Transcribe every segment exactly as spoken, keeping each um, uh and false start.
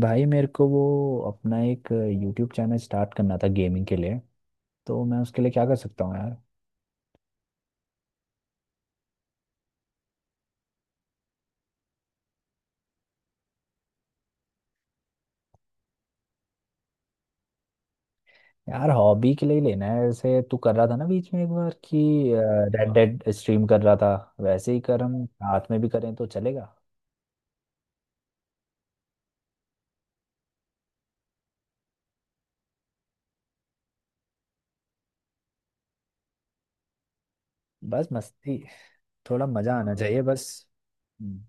भाई मेरे को वो अपना एक यूट्यूब चैनल स्टार्ट करना था गेमिंग के लिए। तो मैं उसके लिए क्या कर सकता हूँ यार। यार हॉबी के लिए ही लेना है, ऐसे तू कर रहा था ना बीच में एक बार कि रेड, हाँ, डेड स्ट्रीम कर रहा था। वैसे ही कर हम रात में भी करें तो चलेगा। बस मस्ती। थोड़ा मजा आना चाहिए बस। हम्म।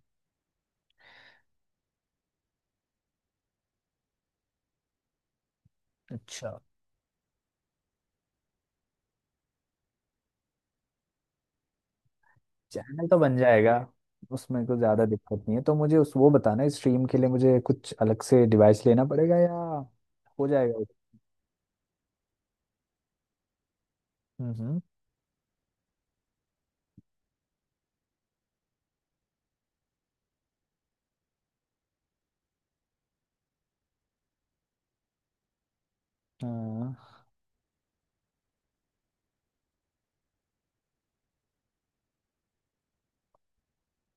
अच्छा। चैनल तो बन जाएगा। उसमें कुछ ज़्यादा दिक्कत नहीं है, तो मुझे उस वो बताना स्ट्रीम के लिए मुझे कुछ अलग से डिवाइस लेना पड़ेगा या हो जाएगा। हम्म हम्म। हाँ।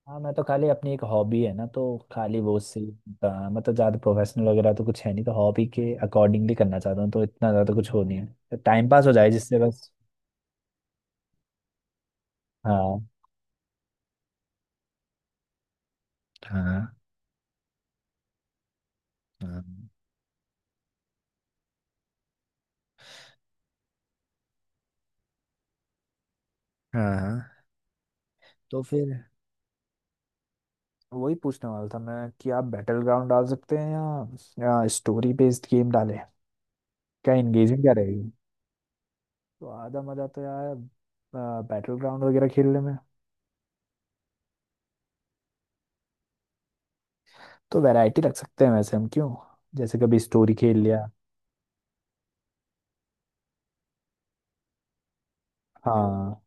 हाँ, मैं तो खाली अपनी एक हॉबी है ना तो खाली वो से आ, मतलब ज़्यादा प्रोफेशनल वगैरह तो कुछ है नहीं, तो हॉबी के अकॉर्डिंगली करना चाहता हूँ, तो इतना ज़्यादा कुछ हो नहीं है, टाइम पास हो जाए जिससे बस। हाँ। हाँ। हाँ। हाँ। हाँ। तो फिर वही पूछने वाला था मैं कि आप बैटल ग्राउंड डाल सकते हैं या, या स्टोरी बेस्ड गेम डालें। क्या एंगेजिंग क्या रहेगी। तो आधा मज़ा तो यार बैटल ग्राउंड वगैरह खेलने में। तो वैरायटी रख सकते हैं वैसे हम, क्यों? जैसे कभी स्टोरी खेल लिया। हाँ।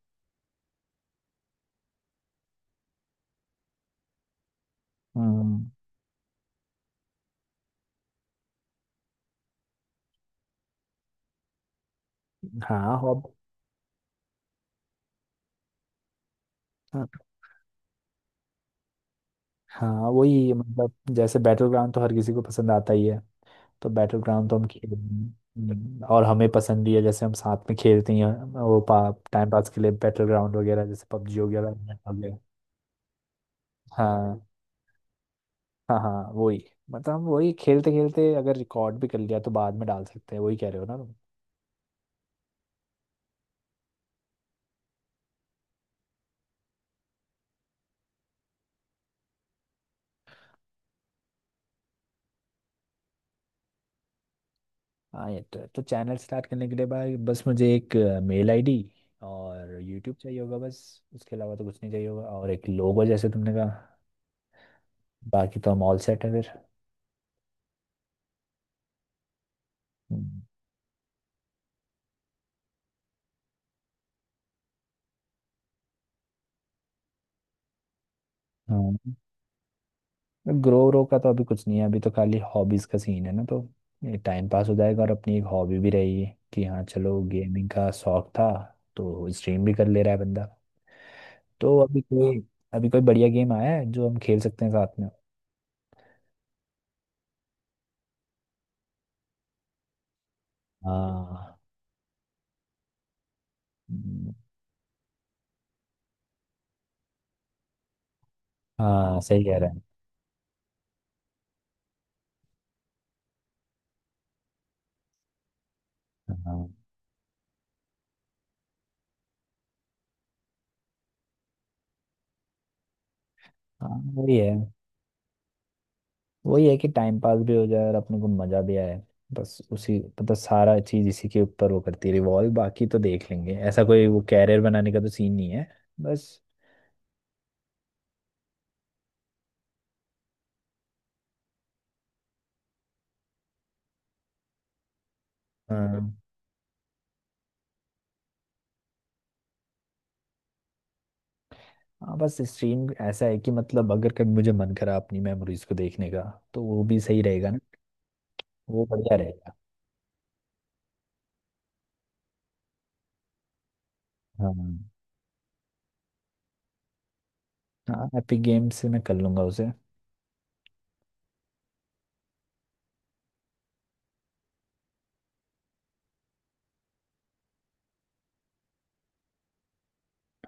हम्म। हाँ। हॉब हाँ हाँ, वही मतलब जैसे बैटल ग्राउंड तो हर किसी को पसंद आता ही है। तो बैटल ग्राउंड तो हम खेल हम्म, और हमें पसंद भी है, जैसे हम साथ में खेलते ही हैं। वो पा, टाइम पास के लिए बैटल ग्राउंड वगैरह, जैसे पबजी हो गया, Valorant हो गया। हाँ। हाँ। हाँ। वही मतलब हम वही खेलते खेलते अगर रिकॉर्ड भी कर लिया, तो बाद में डाल सकते हैं, वही कह रहे हो ना तुम। हाँ ये तो है। तो चैनल स्टार्ट करने के लिए भाई, बस मुझे एक मेल आईडी और यूट्यूब चाहिए होगा, बस उसके अलावा तो कुछ नहीं चाहिए होगा, और एक लोगो जैसे तुमने कहा। बाकी तो हम ऑल सेट है फिर। हाँ। ग्रो व्रो का तो अभी कुछ नहीं है, अभी तो खाली हॉबीज का सीन है ना, तो टाइम पास हो जाएगा और अपनी एक हॉबी भी रहेगी कि हाँ चलो गेमिंग का शौक था। तो स्ट्रीम भी कर ले रहा है बंदा। तो अभी कोई अभी कोई बढ़िया गेम आया है जो हम खेल सकते हैं साथ में। हाँ हम्म। हाँ सही कह रहे हैं। हाँ। हाँ वही है। वही है कि टाइम पास भी हो जाए और अपने को मजा भी आए। बस उसी मतलब सारा चीज इसी के ऊपर वो करती है रिवॉल्व, बाकी तो देख लेंगे, ऐसा कोई वो कैरियर बनाने का तो सीन नहीं है। बस। हाँ। हाँ, बस स्ट्रीम ऐसा है कि मतलब अगर कभी मुझे मन करा अपनी मेमोरीज को देखने का, तो वो भी सही रहेगा ना। वो बढ़िया रहेगा। हाँ। हाँ एपिक गेम से मैं कर लूंगा उसे।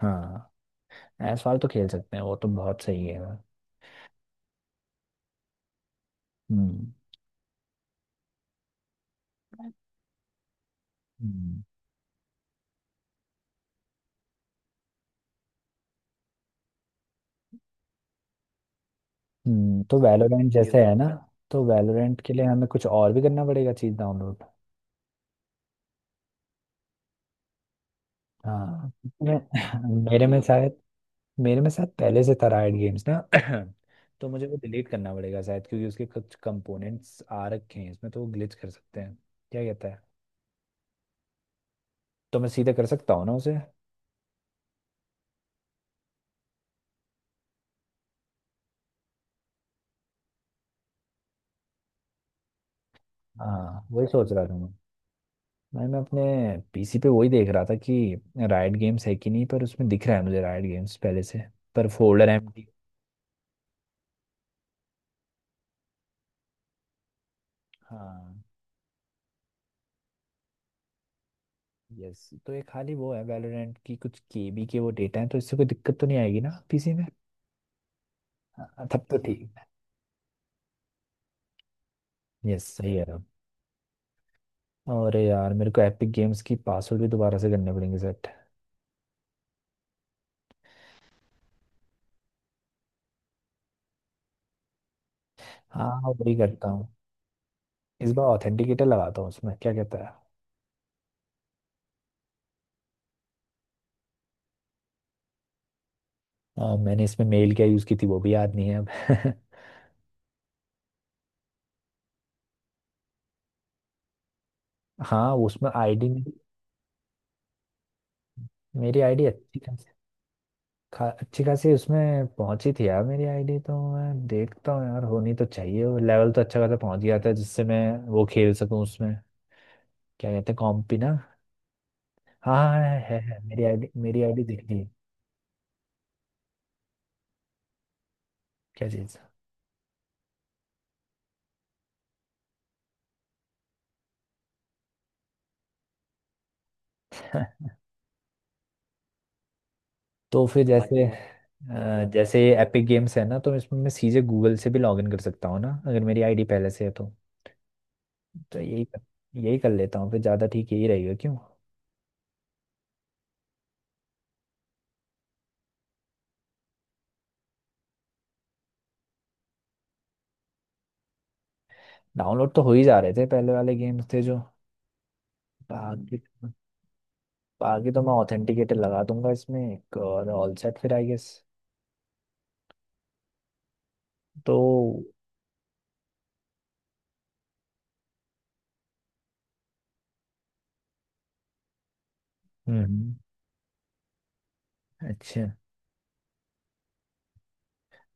हाँ एसवाल तो खेल सकते हैं, वो तो बहुत सही है। हम्म। हम्म। हम्म, तो वैलोरेंट ये जैसे तो है ना होता है, तो वैलोरेंट के लिए हमें कुछ और भी करना पड़ेगा चीज डाउनलोड। हाँ, मैं- मेरे में शायद मेरे में शायद पहले से था राइट गेम्स ना। तो मुझे वो डिलीट करना पड़ेगा शायद, क्योंकि उसके कुछ कंपोनेंट्स आ रखे हैं इसमें, तो वो ग्लिच कर सकते हैं। क्या कहता है। तो मैं सीधे कर सकता हूँ ना उसे। हाँ वही सोच रहा था मैं। मैं मैं अपने पी सी पे वही देख रहा था कि राइट गेम्स है कि नहीं, पर उसमें दिख रहा है मुझे राइट गेम्स पहले से, पर फोल्डर एम्प्टी। हाँ। यस, तो ये खाली वो है, वैलोरेंट की कुछ के बी के वो डेटा है, तो इससे कोई दिक्कत तो नहीं आएगी ना पीसी में। हाँ, तब तो ठीक है। यस सही है। और यार मेरे को एपिक गेम्स की पासवर्ड भी दोबारा से करने पड़ेंगे सेट। हाँ वही करता हूँ। इस बार ऑथेंटिकेटर लगाता हूँ उसमें, क्या कहता है। अ, मैंने इसमें मेल क्या यूज़ की थी वो भी याद नहीं है अब। हाँ उसमें आईडी मेरी। मेरी आईडी अच्छी खासी। खा, अच्छी खासी उसमें पहुंची थी यार मेरी आईडी, तो मैं देखता हूँ यार, होनी तो चाहिए, वो लेवल तो अच्छा खासा पहुंच गया था जिससे मैं वो खेल सकूँ उसमें। क्या कहते हैं, कॉम्पी ना। हाँ हाँ, हाँ, है है मेरी आईडी, मेरी आईडी दिख रही है। क्या चीज़। तो फिर जैसे अ, जैसे एपिक गेम्स है ना, तो इसमें मैं सीधे गूगल से भी लॉग इन कर सकता हूँ ना, अगर मेरी आईडी पहले से है तो। तो यही कर, यही कर लेता हूँ फिर, ज़्यादा ठीक यही रहेगा क्यों। डाउनलोड तो हो ही जा रहे थे, पहले वाले गेम्स थे जो। बाकी। बाकी तो मैं ऑथेंटिकेटर लगा दूंगा इसमें एक, और ऑल सेट फिर आई गेस। तो। हम्म। अच्छा।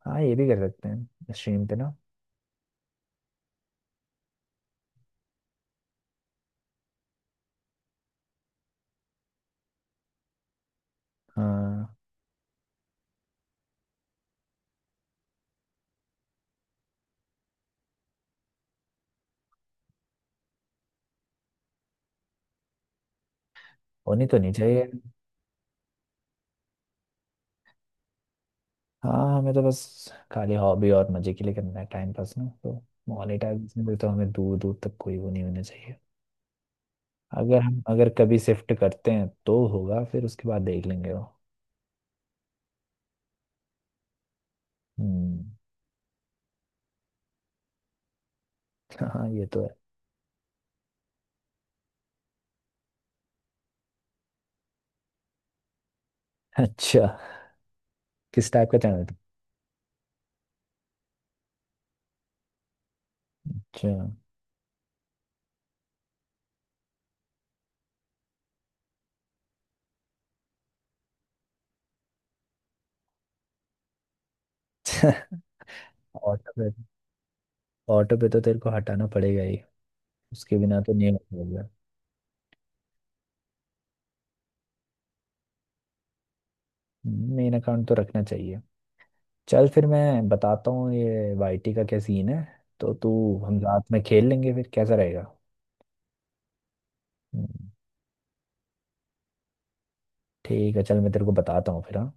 हाँ ये भी कर सकते हैं स्ट्रीम पे ना। हाँ होनी तो नहीं चाहिए। हाँ हमें तो बस खाली हॉबी और मजे के लिए करना है टाइम पास ना, तो मोनेटाइजेशन से तो हमें दूर दूर तक कोई वो नहीं होना चाहिए। अगर हम अगर कभी शिफ्ट करते हैं तो होगा, फिर उसके बाद देख लेंगे वो। हम्म। हाँ ये तो है। अच्छा। किस टाइप का चैनल। अच्छा। Auto pay. ऑटो पे तो तेरे को हटाना पड़ेगा ही। उसके बिना तो नहीं होगा। मेन अकाउंट तो रखना चाहिए। चल फिर मैं बताता हूँ ये वाई टी का क्या सीन है। तो तू। हम रात में खेल लेंगे फिर, कैसा रहेगा। हम्म। ठीक है, चल मैं तेरे को बताता हूँ फिर हाँ।